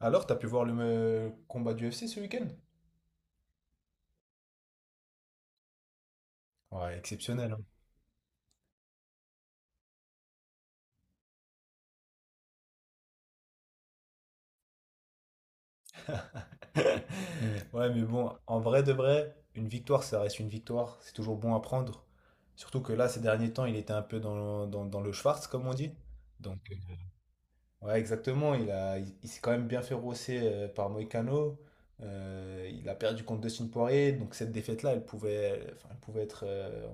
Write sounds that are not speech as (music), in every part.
Alors, t'as pu voir le combat du UFC ce week-end? Ouais, exceptionnel, hein. (laughs) Ouais, mais bon, en vrai de vrai, une victoire, ça reste une victoire. C'est toujours bon à prendre. Surtout que là, ces derniers temps, il était un peu dans le Schwarz, comme on dit. Donc, ouais, exactement. Il s'est quand même bien fait rosser par Moïcano. Il a perdu contre Dustin Poirier. Donc, cette défaite-là, elle pouvait être euh,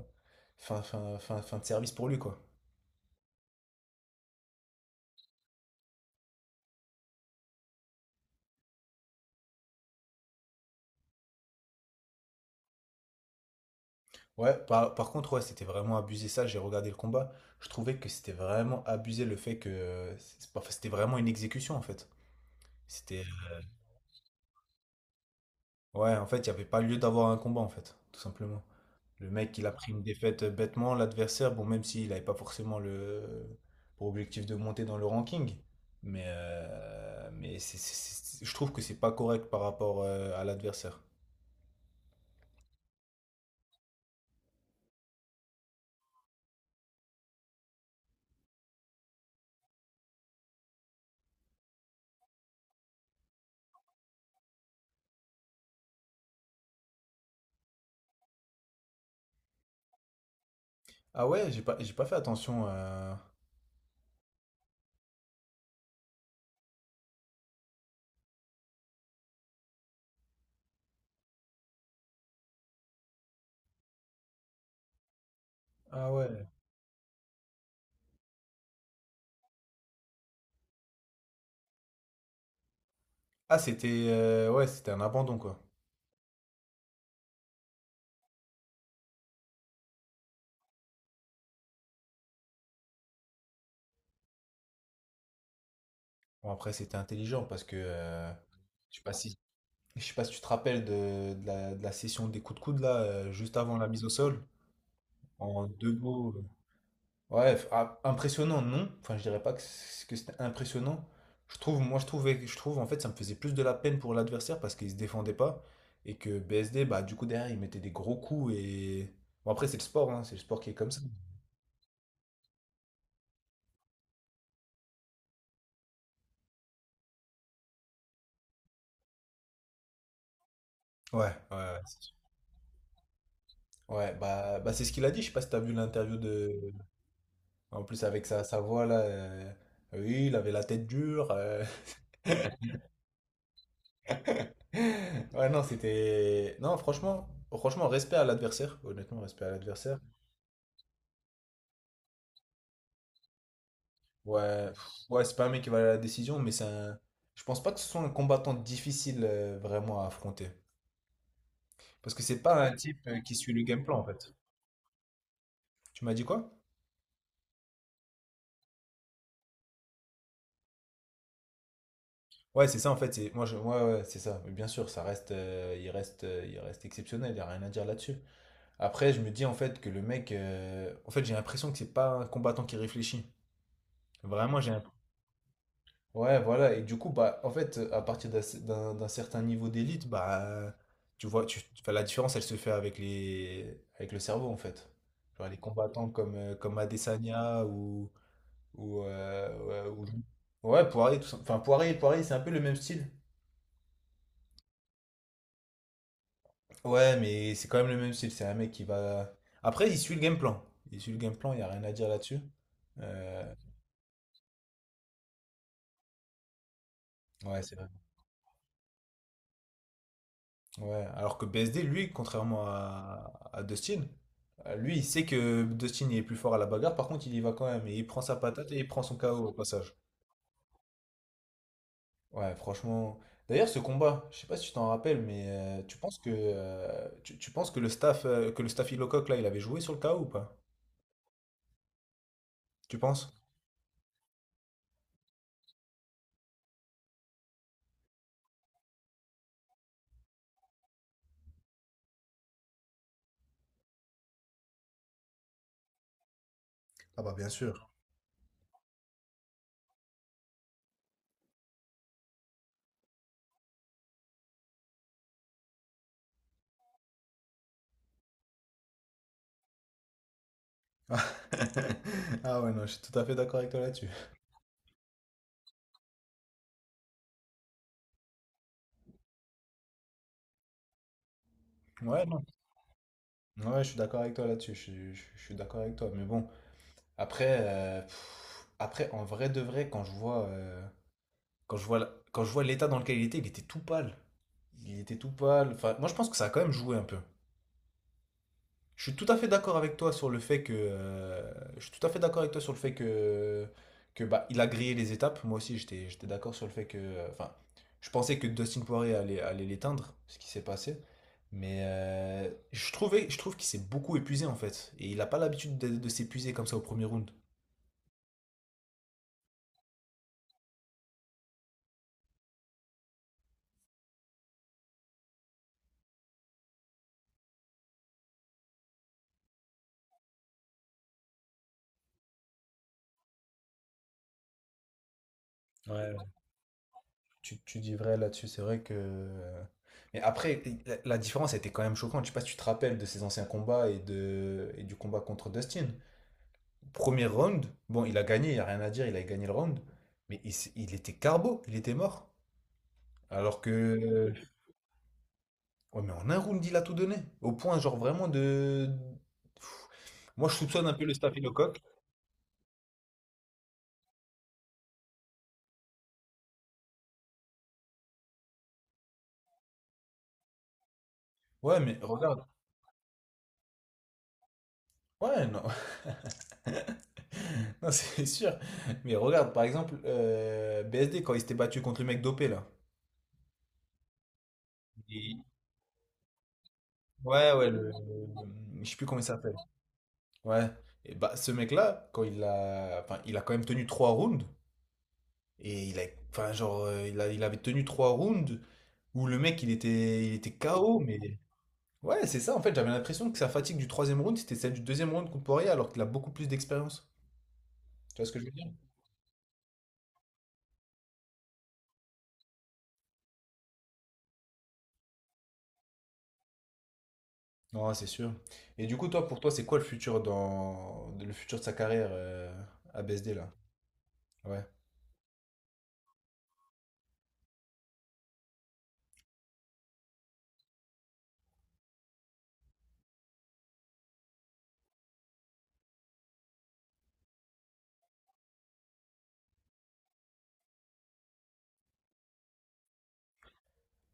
fin, fin, fin, fin de service pour lui, quoi. Ouais, par contre, ouais, c'était vraiment abusé ça. J'ai regardé le combat. Je trouvais que c'était vraiment abusé le fait que c'est pas- enfin, c'était vraiment une exécution en fait. C'était ouais, en fait, il n'y avait pas lieu d'avoir un combat en fait, tout simplement. Le mec, il a pris une défaite bêtement. L'adversaire, bon, même s'il n'avait pas forcément le pour objectif de monter dans le ranking, mais je trouve que c'est pas correct par rapport à l'adversaire. Ah ouais, j'ai pas fait attention. Ah ouais. Ah c'était ouais, c'était un abandon quoi. Bon, après, c'était intelligent parce que je sais pas si, je sais pas si tu te rappelles de la session des coups de coude là, juste avant la mise au sol, en deux mots. Ouais, ah, impressionnant, non? Enfin, je dirais pas que, que c'était impressionnant. Je trouve, moi, je trouvais, je trouve en fait, ça me faisait plus de la peine pour l'adversaire parce qu'il se défendait pas et que BSD, bah, du coup, derrière, il mettait des gros coups et. Bon, après, c'est le sport, hein, c'est le sport qui est comme ça. Ouais, ouais, ouais. Ouais, bah, c'est ce qu'il a dit. Je sais pas si t'as vu l'interview de. En plus, avec sa voix là, oui, il avait la tête dure. (laughs) Ouais, non, c'était. Non, franchement, franchement, respect à l'adversaire. Honnêtement, respect à l'adversaire. Ouais, pff, ouais, c'est pas un mec qui va à la décision, mais c'est un. Je pense pas que ce soit un combattant difficile vraiment à affronter. Parce que c'est pas un type qui suit le game plan en fait. Tu m'as dit quoi? Ouais, c'est ça en fait. Ouais, ouais, c'est ça. Mais bien sûr, ça reste, il reste, il reste exceptionnel. Il n'y a rien à dire là-dessus. Après, je me dis en fait que le mec, en fait, j'ai l'impression que c'est pas un combattant qui réfléchit. Vraiment, j'ai l'impression. Ouais, voilà. Et du coup, bah, en fait, à partir d'un certain niveau d'élite, bah, tu vois, enfin, la différence, elle se fait avec le cerveau, en fait. Genre les combattants comme Adesanya ou, euh, ouais, ou Poirier, tout ça. Enfin, Poirier, Poirier, c'est un peu le même style. Ouais, mais c'est quand même le même style. C'est un mec qui va. Après, il suit le game plan. Il suit le game plan, il n'y a rien à dire là-dessus. Euh, Ouais, c'est vrai. Ouais. Alors que BSD, lui, contrairement à Dustin, lui, il sait que Dustin il est plus fort à la bagarre. Par contre, il y va quand même. Et il prend sa patate et il prend son KO au passage. Ouais, franchement. D'ailleurs, ce combat, je sais pas si tu t'en rappelles, mais tu penses que le staff Illocock là, il avait joué sur le KO ou pas? Tu penses? Ah bah bien sûr. (laughs) Ah ouais, non, je suis tout à fait d'accord avec toi là-dessus. Ouais, non. Ouais, je suis d'accord avec toi là-dessus. Je suis d'accord avec toi. Mais bon. Après, pff, après, en vrai de vrai, quand je vois, la- quand je vois l'état dans lequel il était tout pâle. Il était tout pâle. Enfin, moi, je pense que ça a quand même joué un peu. Je suis tout à fait d'accord avec toi sur le fait que, je suis tout à fait d'accord avec toi sur le fait que bah, il a grillé les étapes. Moi aussi, j'étais d'accord sur le fait que, enfin, je pensais que Dustin Poirier allait l'éteindre, ce qui s'est passé. Mais je trouve qu'il s'est beaucoup épuisé en fait, et il n'a pas l'habitude de s'épuiser comme ça au premier round. Ouais, tu dis vrai là-dessus, c'est vrai que. Mais après, la différence était quand même choquante. Je sais pas si tu te rappelles de ses anciens combats et du combat contre Dustin. Premier round, bon, il a gagné, il n'y a rien à dire, il a gagné le round. Mais il était carbo, il était mort. Alors que. Ouais, mais en un round, il a tout donné. Au point, genre, vraiment de. Pff, moi, je soupçonne un peu le staphylocoque. Ouais, mais regarde. Ouais, non. (laughs) Non, c'est sûr. Mais regarde, par exemple, BSD, quand il s'était battu contre le mec dopé, là. Et- Ouais, ouais, je sais plus comment il s'appelle. Ouais. Et bah, ce mec-là, quand enfin, il a quand même tenu trois rounds. Et enfin, genre, il avait tenu trois rounds où le mec, il était KO, mais ouais, c'est ça. En fait, j'avais l'impression que sa fatigue du troisième round, c'était celle du deuxième round contre Poirier, alors qu'il a beaucoup plus d'expérience. Tu vois ce que je veux dire? Non, c'est sûr. Et du coup, toi, pour toi, c'est quoi le futur le futur de sa carrière à BSD là? Ouais.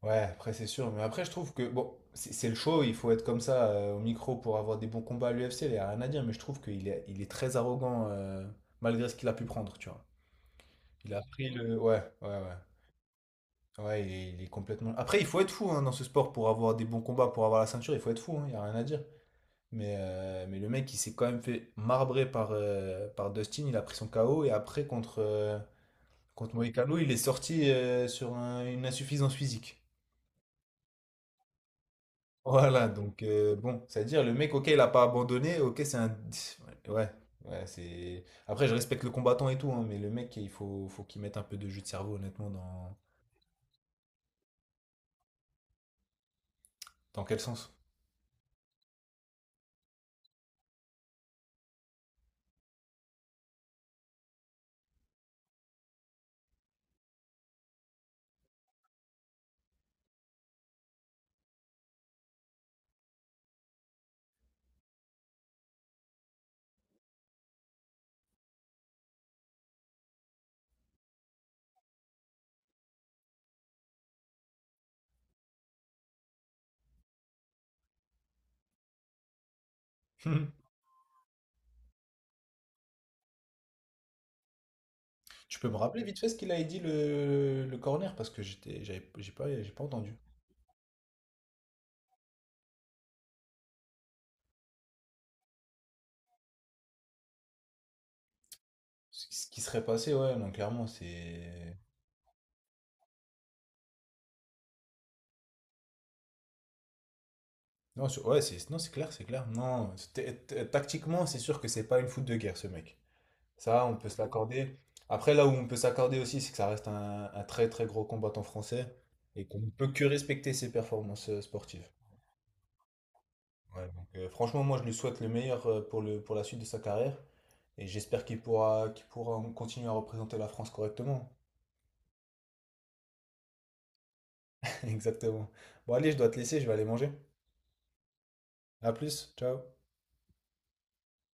Ouais, après c'est sûr, mais après je trouve que bon, c'est le show, il faut être comme ça au micro pour avoir des bons combats à l'UFC, il n'y a rien à dire, mais je trouve qu'il est très arrogant malgré ce qu'il a pu prendre, tu vois. Il a pris le. Ouais, ouais, ouais. Ouais, il est complètement. Après, il faut être fou hein, dans ce sport pour avoir des bons combats, pour avoir la ceinture, il faut être fou, hein, il n'y a rien à dire. Mais le mec, il s'est quand même fait marbrer par Dustin, il a pris son KO et après contre Moïcano, il est sorti sur une insuffisance physique. Voilà, donc bon, c'est-à-dire le mec, ok, il a pas abandonné, ok, c'est un. Ouais, ouais, c'est. Après, je respecte le combattant et tout, hein, mais le mec, il faut qu'il mette un peu de jus de cerveau, honnêtement, dans, dans quel sens? (laughs) Tu peux me rappeler vite fait ce qu'il a dit le corner, parce que j'ai pas entendu. Ce qui serait passé, ouais, non, clairement, c'est. Non, ouais, c'est, non, c'est clair, c'est clair. Non, tactiquement, c'est sûr que c'est pas une foot de guerre, ce mec. Ça, on peut se l'accorder. Après, là où on peut s'accorder aussi, c'est que ça reste un très très gros combattant français et qu'on ne peut que respecter ses performances sportives. Ouais, donc, franchement, moi, je lui souhaite le meilleur pour la suite de sa carrière et j'espère qu'il pourra continuer à représenter la France correctement. (laughs) Exactement. Bon, allez, je dois te laisser, je vais aller manger. À plus, ciao.